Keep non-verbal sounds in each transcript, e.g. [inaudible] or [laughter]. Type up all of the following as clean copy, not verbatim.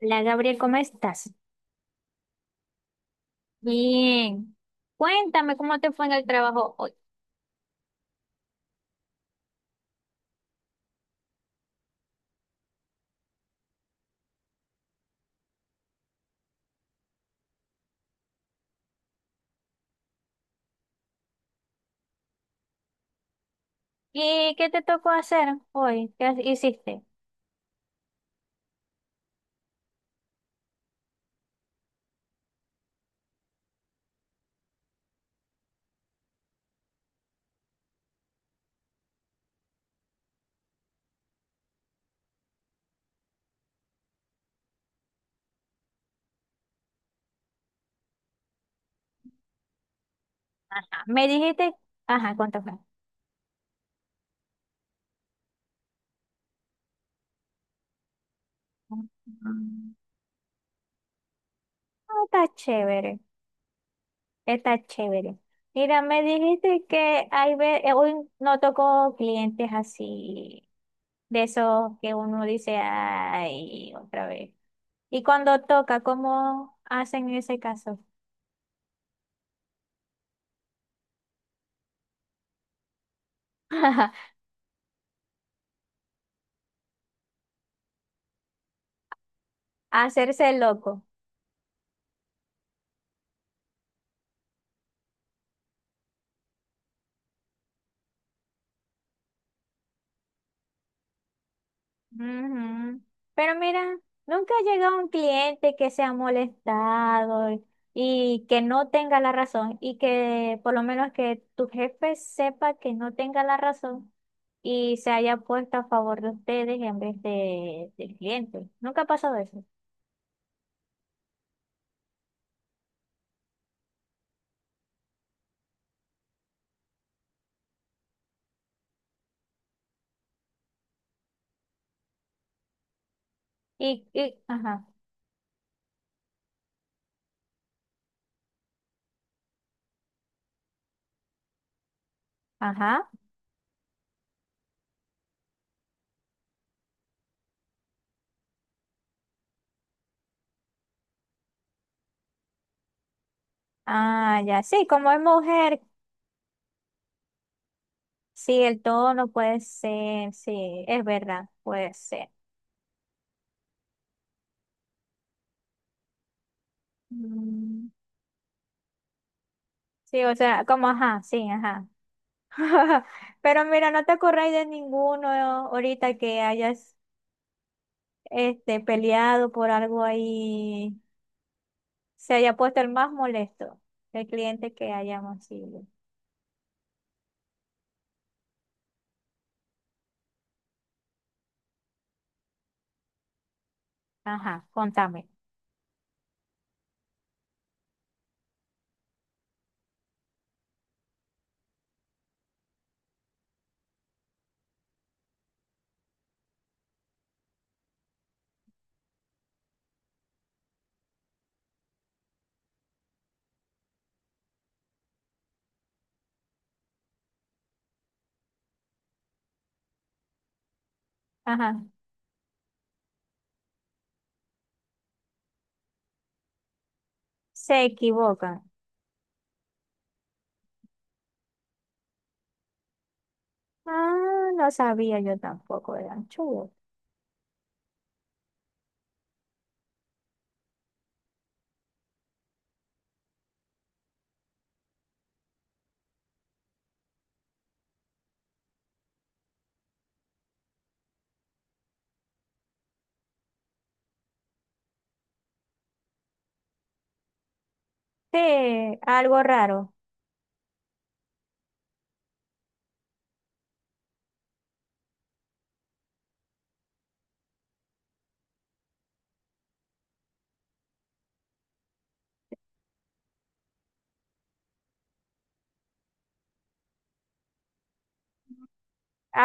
Hola Gabriel, ¿cómo estás? Bien, cuéntame cómo te fue en el trabajo hoy. ¿Y qué te tocó hacer hoy? ¿Hiciste? Ajá. Me dijiste, ajá, ¿cuánto fue? Mm. Ah, está chévere, está chévere. Mira, me dijiste que hoy no tocó clientes así, de esos que uno dice, ay, otra vez. Y cuando toca, ¿cómo hacen en ese caso? [laughs] Hacerse loco. Ujú. Pero mira, nunca ha llegado un cliente que se ha molestado y que no tenga la razón y que por lo menos que tu jefe sepa que no tenga la razón y se haya puesto a favor de ustedes en vez del cliente. Nunca ha pasado eso. Ajá, ajá. Ah, ya, sí, como es mujer, sí, el tono puede ser, sí, es verdad, puede ser. Mm, sí, o sea, como, ajá, sí, ajá. [laughs] Pero mira, ¿no te acordáis de ninguno? ¿No? Ahorita que hayas este, peleado por algo ahí, se haya puesto el más molesto, el cliente que hayamos sido. Ajá, contame. Ajá, se equivocan. Ah, no sabía yo tampoco, eran chulos. Sí, algo raro.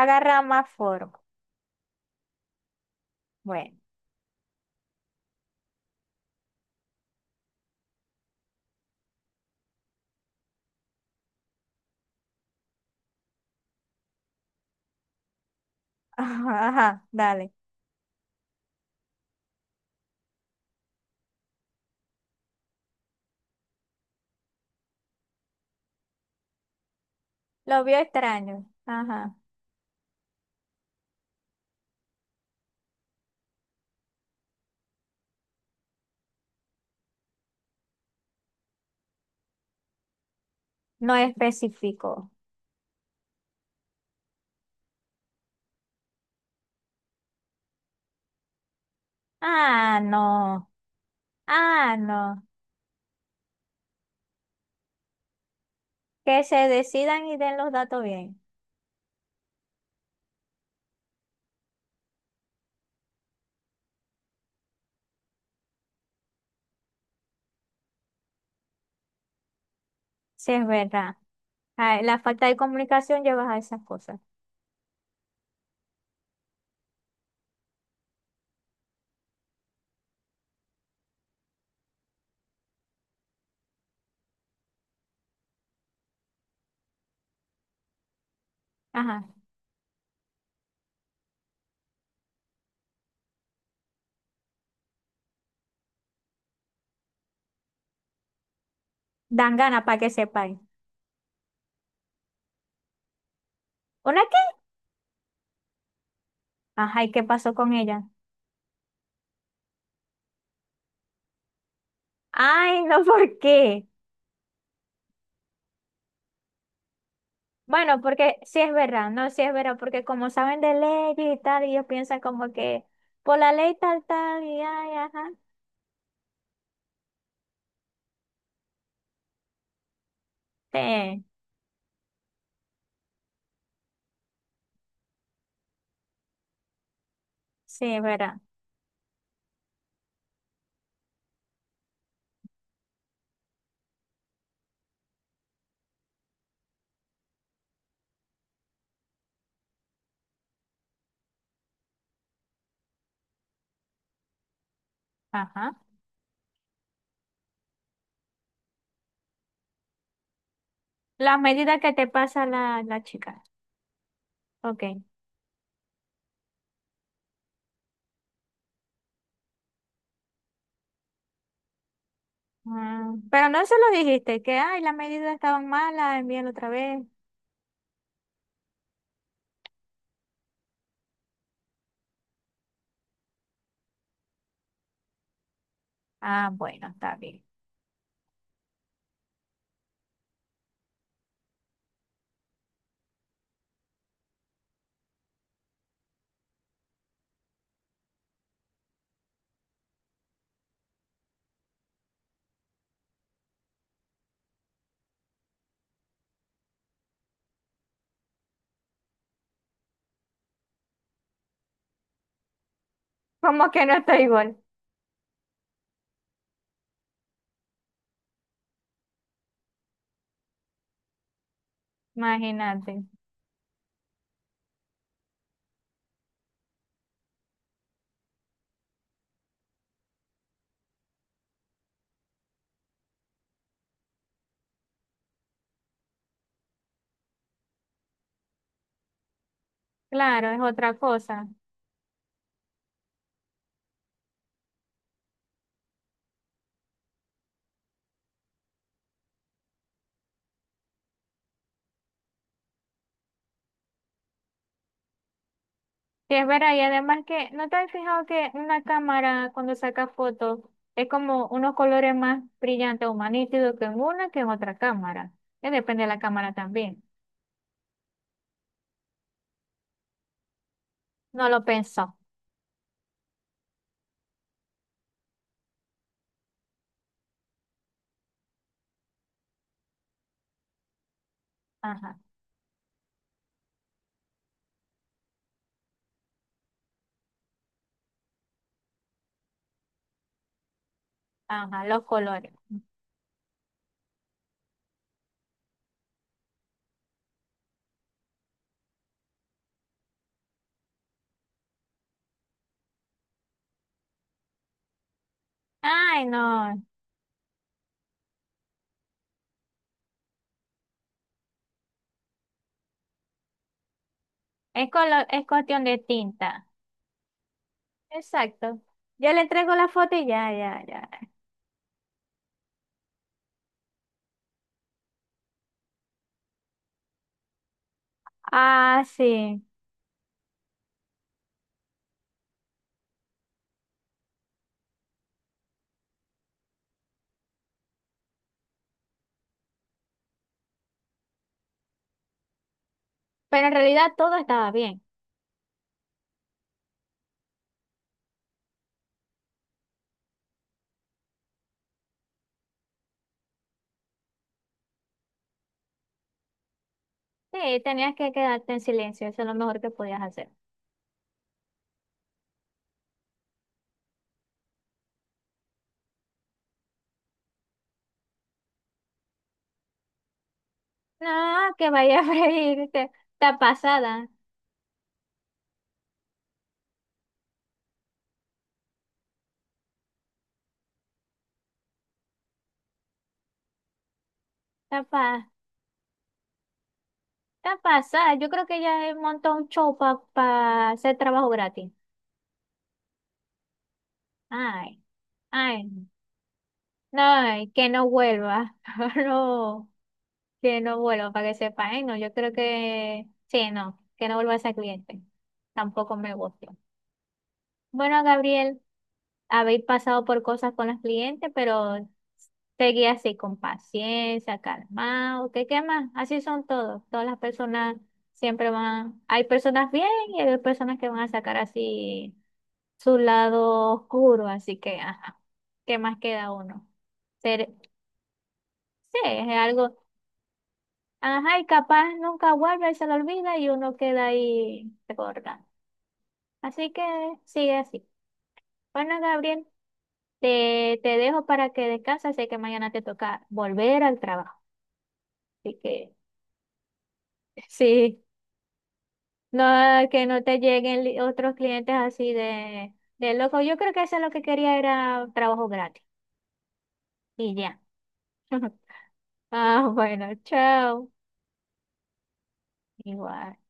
Agarra más forma. Bueno, [laughs] ajá, dale. Lo vio extraño. Ajá, no especificó. Ah, no. Ah, no. Que se decidan y den los datos bien. Sí, es verdad. Ah, la falta de comunicación lleva a esas cosas. Ajá. Dan ganas para que sepáis. ¿Una qué? Ajá, ¿y qué pasó con ella? Ay, no, [laughs] ¿por qué? Bueno, porque sí es verdad, no, sí es verdad, porque como saben de leyes y tal, ellos piensan como que por la ley tal, tal, y ay, ajá. Sí, sí es verdad. Ajá. Las medidas que te pasa la chica. Ok. Mm, pero no se lo dijiste, que ay, las medidas estaban malas, envíalo otra vez. Ah, bueno, está bien. [laughs] Como que no estoy igual, imagínate. Claro, es otra cosa. Sí, es verdad, y además que, ¿no te has fijado que una cámara cuando saca fotos es como unos colores más brillantes o más nítidos que en una que en otra cámara? Que depende de la cámara también. No lo pensó. Ajá, ajá, los colores. Ay, no, es cuestión de tinta. Exacto. Yo le entrego la foto y ya, ya, ya. Ah, sí. Pero en realidad todo estaba bien. Sí, tenías que quedarte en silencio, eso es lo mejor que podías hacer. No, que vaya a [laughs] freírte. Está pasada, está, pa- está pasada. Yo creo que ella montó un show para hacer trabajo gratis. Ay, ay, no, ay, que no vuelva. [laughs] No, que no vuelva, para que sepa. Ay, no, yo creo que sí, no, que no vuelva esa cliente. Tampoco me gusta. Bueno, Gabriel, habéis pasado por cosas con los clientes, pero seguí así con paciencia, calmado, ¿qué más? Así son todos. Todas las personas siempre van, hay personas bien y hay personas que van a sacar así su lado oscuro, así que, ajá, ¿qué más queda uno? Ser, sí, es algo, ajá, y capaz nunca vuelve y se lo olvida y uno queda ahí recordando. Así que sigue así. Bueno, Gabriel. Te dejo para que descanses, sé que mañana te toca volver al trabajo. Así que [laughs] sí, no que no te otros clientes así de loco. Yo creo que eso es lo que quería era trabajo gratis. Y ya. [laughs] Ah, bueno, chao. Igual.